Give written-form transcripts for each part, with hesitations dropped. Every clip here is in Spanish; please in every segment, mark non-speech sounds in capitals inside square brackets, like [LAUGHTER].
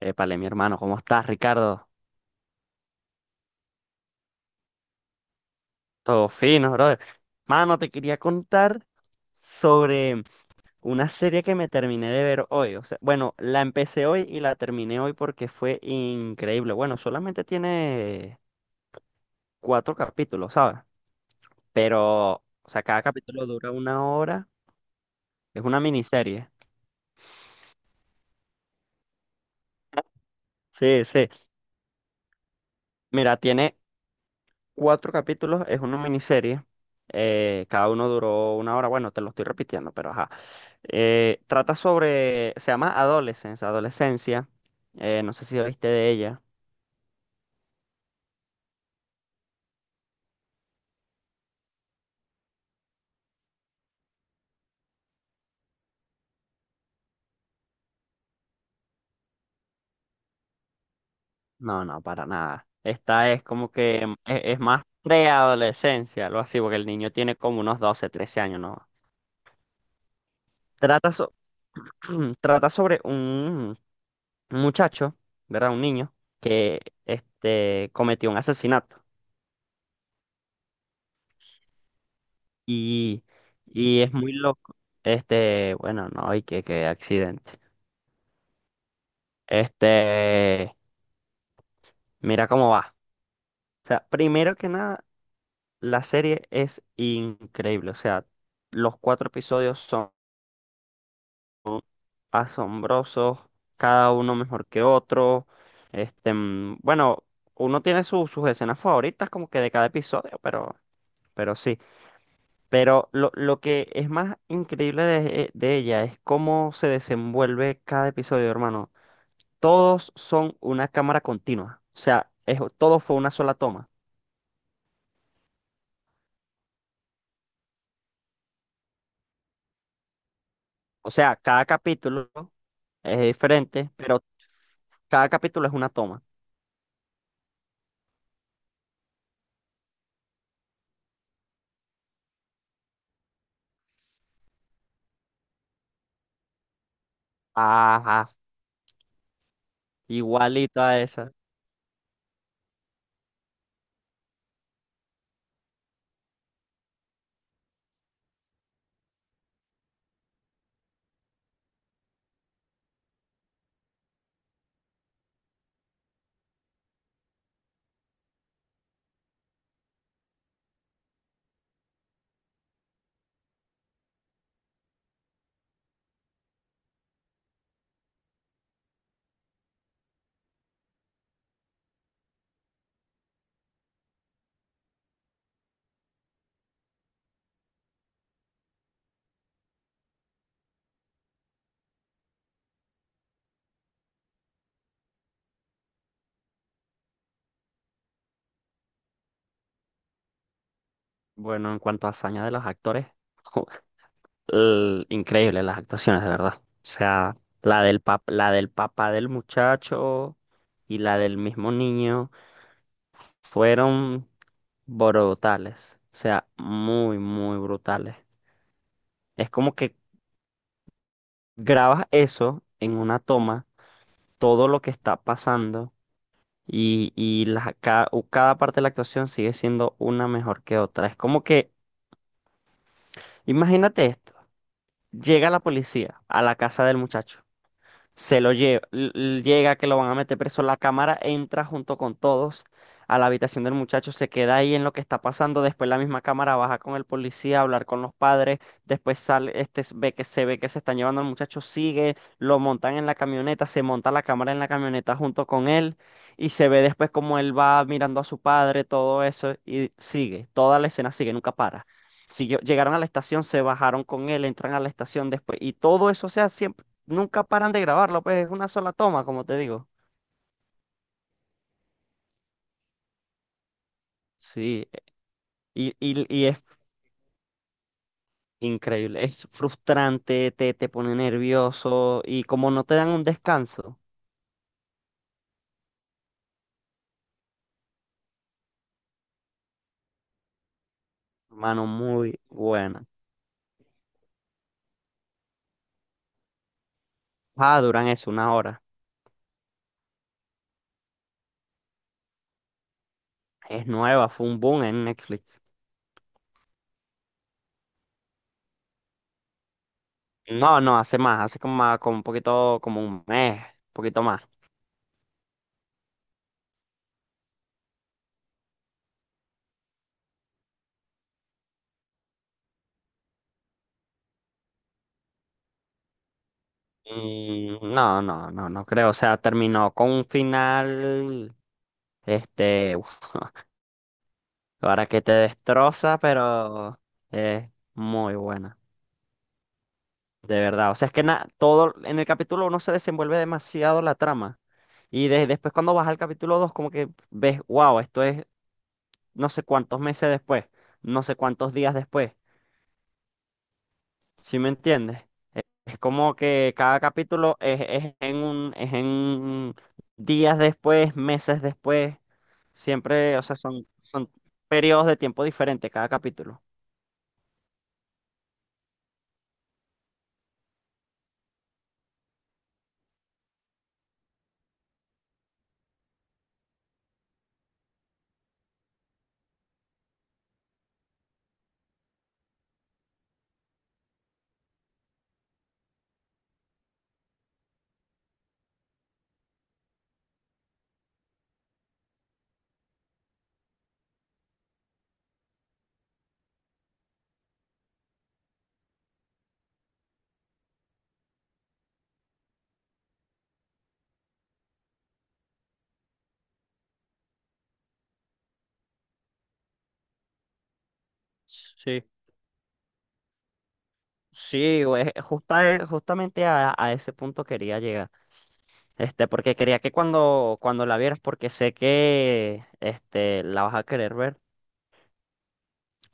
Épale, mi hermano, ¿cómo estás, Ricardo? Todo fino, brother. Mano, te quería contar sobre una serie que me terminé de ver hoy. O sea, bueno, la empecé hoy y la terminé hoy porque fue increíble. Bueno, solamente tiene cuatro capítulos, ¿sabes? Pero, o sea, cada capítulo dura una hora. Es una miniserie. Sí, sí. Mira, tiene cuatro capítulos, es una miniserie. Cada uno duró una hora. Bueno, te lo estoy repitiendo, pero ajá. Trata sobre, se llama Adolescence, Adolescencia. No sé si oíste de ella. No, no, para nada. Esta es como que es más preadolescencia, algo así, porque el niño tiene como unos 12 13 años, ¿no? Trata, so- [CLEARS THROAT] Trata sobre un, muchacho, ¿verdad? Un niño que cometió un asesinato. Y, y es muy loco. Bueno, no, y que accidente. Este, Mira cómo va. O sea, primero que nada, la serie es increíble. O sea, los cuatro episodios son asombrosos, cada uno mejor que otro. Bueno, uno tiene sus escenas favoritas como que de cada episodio, pero, sí. Pero lo que es más increíble de ella es cómo se desenvuelve cada episodio, hermano. Todos son una cámara continua. O sea, todo fue una sola toma. O sea, cada capítulo es diferente, pero cada capítulo es una toma. Ajá, igualito a esa. Bueno, en cuanto a hazaña de los actores, [LAUGHS] increíble las actuaciones, de verdad. O sea, la del papá del muchacho y la del mismo niño. Fueron brutales, o sea, muy, muy brutales. Es como que grabas eso en una toma, todo lo que está pasando y cada parte de la actuación sigue siendo una mejor que otra. Es como que, imagínate esto, llega la policía a la casa del muchacho. Se lo lleva, llega que lo van a meter preso. La cámara entra junto con todos a la habitación del muchacho, se queda ahí en lo que está pasando. Después la misma cámara baja con el policía a hablar con los padres. Después sale, este s- ve que se están llevando al muchacho, sigue, lo montan en la camioneta, se monta la cámara en la camioneta junto con él y se ve después como él va mirando a su padre, todo eso y sigue. Toda la escena sigue, nunca para. Llegaron a la estación, se bajaron con él, entran a la estación después y todo eso, o sea, siempre nunca paran de grabarlo, pues es una sola toma, como te digo. Sí, y es increíble, es frustrante, te pone nervioso y como no te dan un descanso, hermano, muy buena. Ah, duran eso, una hora. Es nueva, fue un boom en Netflix. No, no, hace más, hace como, como un poquito, como un mes, un poquito más. Y no, no, no, no creo, o sea, terminó con un final, uf, para que te destroza, pero es muy buena, de verdad. O sea, es que todo en el capítulo 1 se desenvuelve demasiado la trama. Y después cuando vas al capítulo 2 como que ves, wow, esto es no sé cuántos meses después, no sé cuántos días después. ¿Sí me entiendes? Es como que cada capítulo es, es en días después, meses después. Siempre, o sea, son, periodos de tiempo diferentes cada capítulo. Sí. Sí, güey, justamente a ese punto quería llegar. Porque quería que cuando la vieras, porque sé que la vas a querer ver.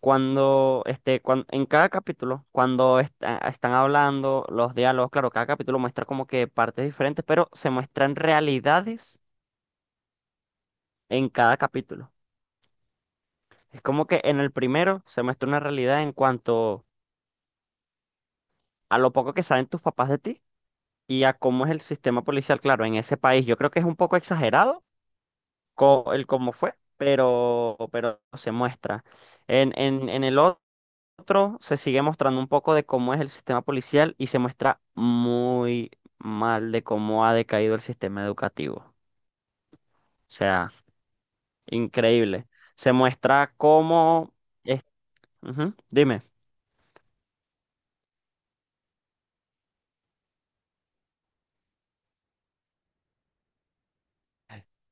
En cada capítulo, cuando están hablando los diálogos, claro, cada capítulo muestra como que partes diferentes, pero se muestran realidades en cada capítulo. Es como que en el primero se muestra una realidad en cuanto a lo poco que saben tus papás de ti y a cómo es el sistema policial, claro, en ese país. Yo creo que es un poco exagerado el cómo fue, pero se muestra. En el otro se sigue mostrando un poco de cómo es el sistema policial y se muestra muy mal de cómo ha decaído el sistema educativo. O sea, increíble. Se muestra cómo... es- Ujú. Dime.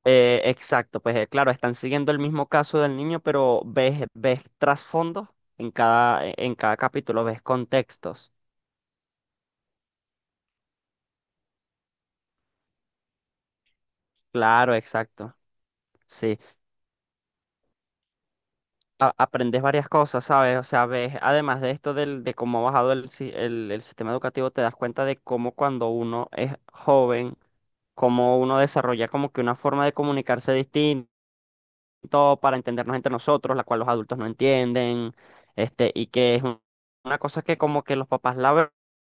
Exacto, pues claro, están siguiendo el mismo caso del niño, pero ves trasfondo en cada capítulo, ves contextos. Claro, exacto. Sí. Aprendes varias cosas, ¿sabes? O sea, ves, además de esto de cómo ha bajado el, si- el sistema educativo, te das cuenta de cómo cuando uno es joven, cómo uno desarrolla como que una forma de comunicarse distinto para entendernos entre nosotros, la cual los adultos no entienden, y que es una cosa que como que los papás la ven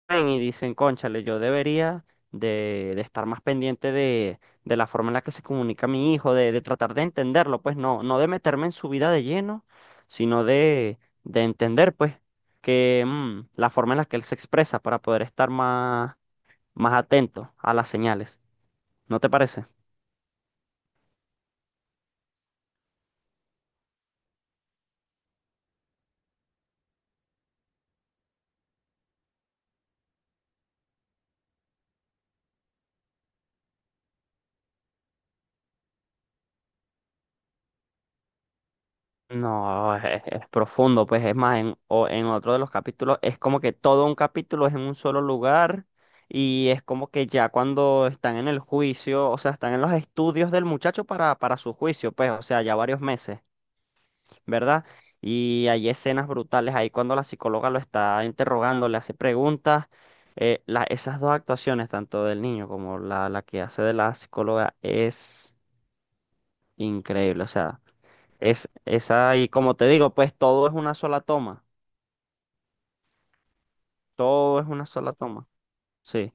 ven y dicen, cónchale, yo debería de estar más pendiente de la forma en la que se comunica mi hijo, de tratar de entenderlo, pues no, no de meterme en su vida de lleno, sino de entender, pues, que la forma en la que él se expresa para poder estar más, más atento a las señales. ¿No te parece? No, es profundo, pues es más, en otro de los capítulos es como que todo un capítulo es en un solo lugar y es como que ya cuando están en el juicio, o sea, están en los estudios del muchacho para su juicio, pues, o sea, ya varios meses, ¿verdad? Y hay escenas brutales ahí cuando la psicóloga lo está interrogando, le hace preguntas. Esas dos actuaciones, tanto del niño como la que hace de la psicóloga, es increíble, o sea. Es esa, y como te digo, pues todo es una sola toma. Todo es una sola toma. Sí.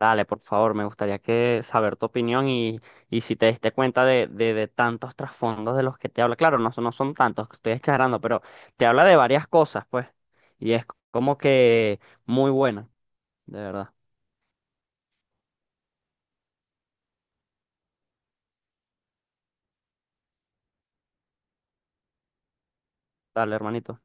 Dale, por favor, me gustaría que saber tu opinión y si te diste cuenta de tantos trasfondos de los que te habla. Claro, no, no son tantos, que estoy exagerando, pero te habla de varias cosas, pues. Y es como que muy buena, de verdad. Dale, hermanito.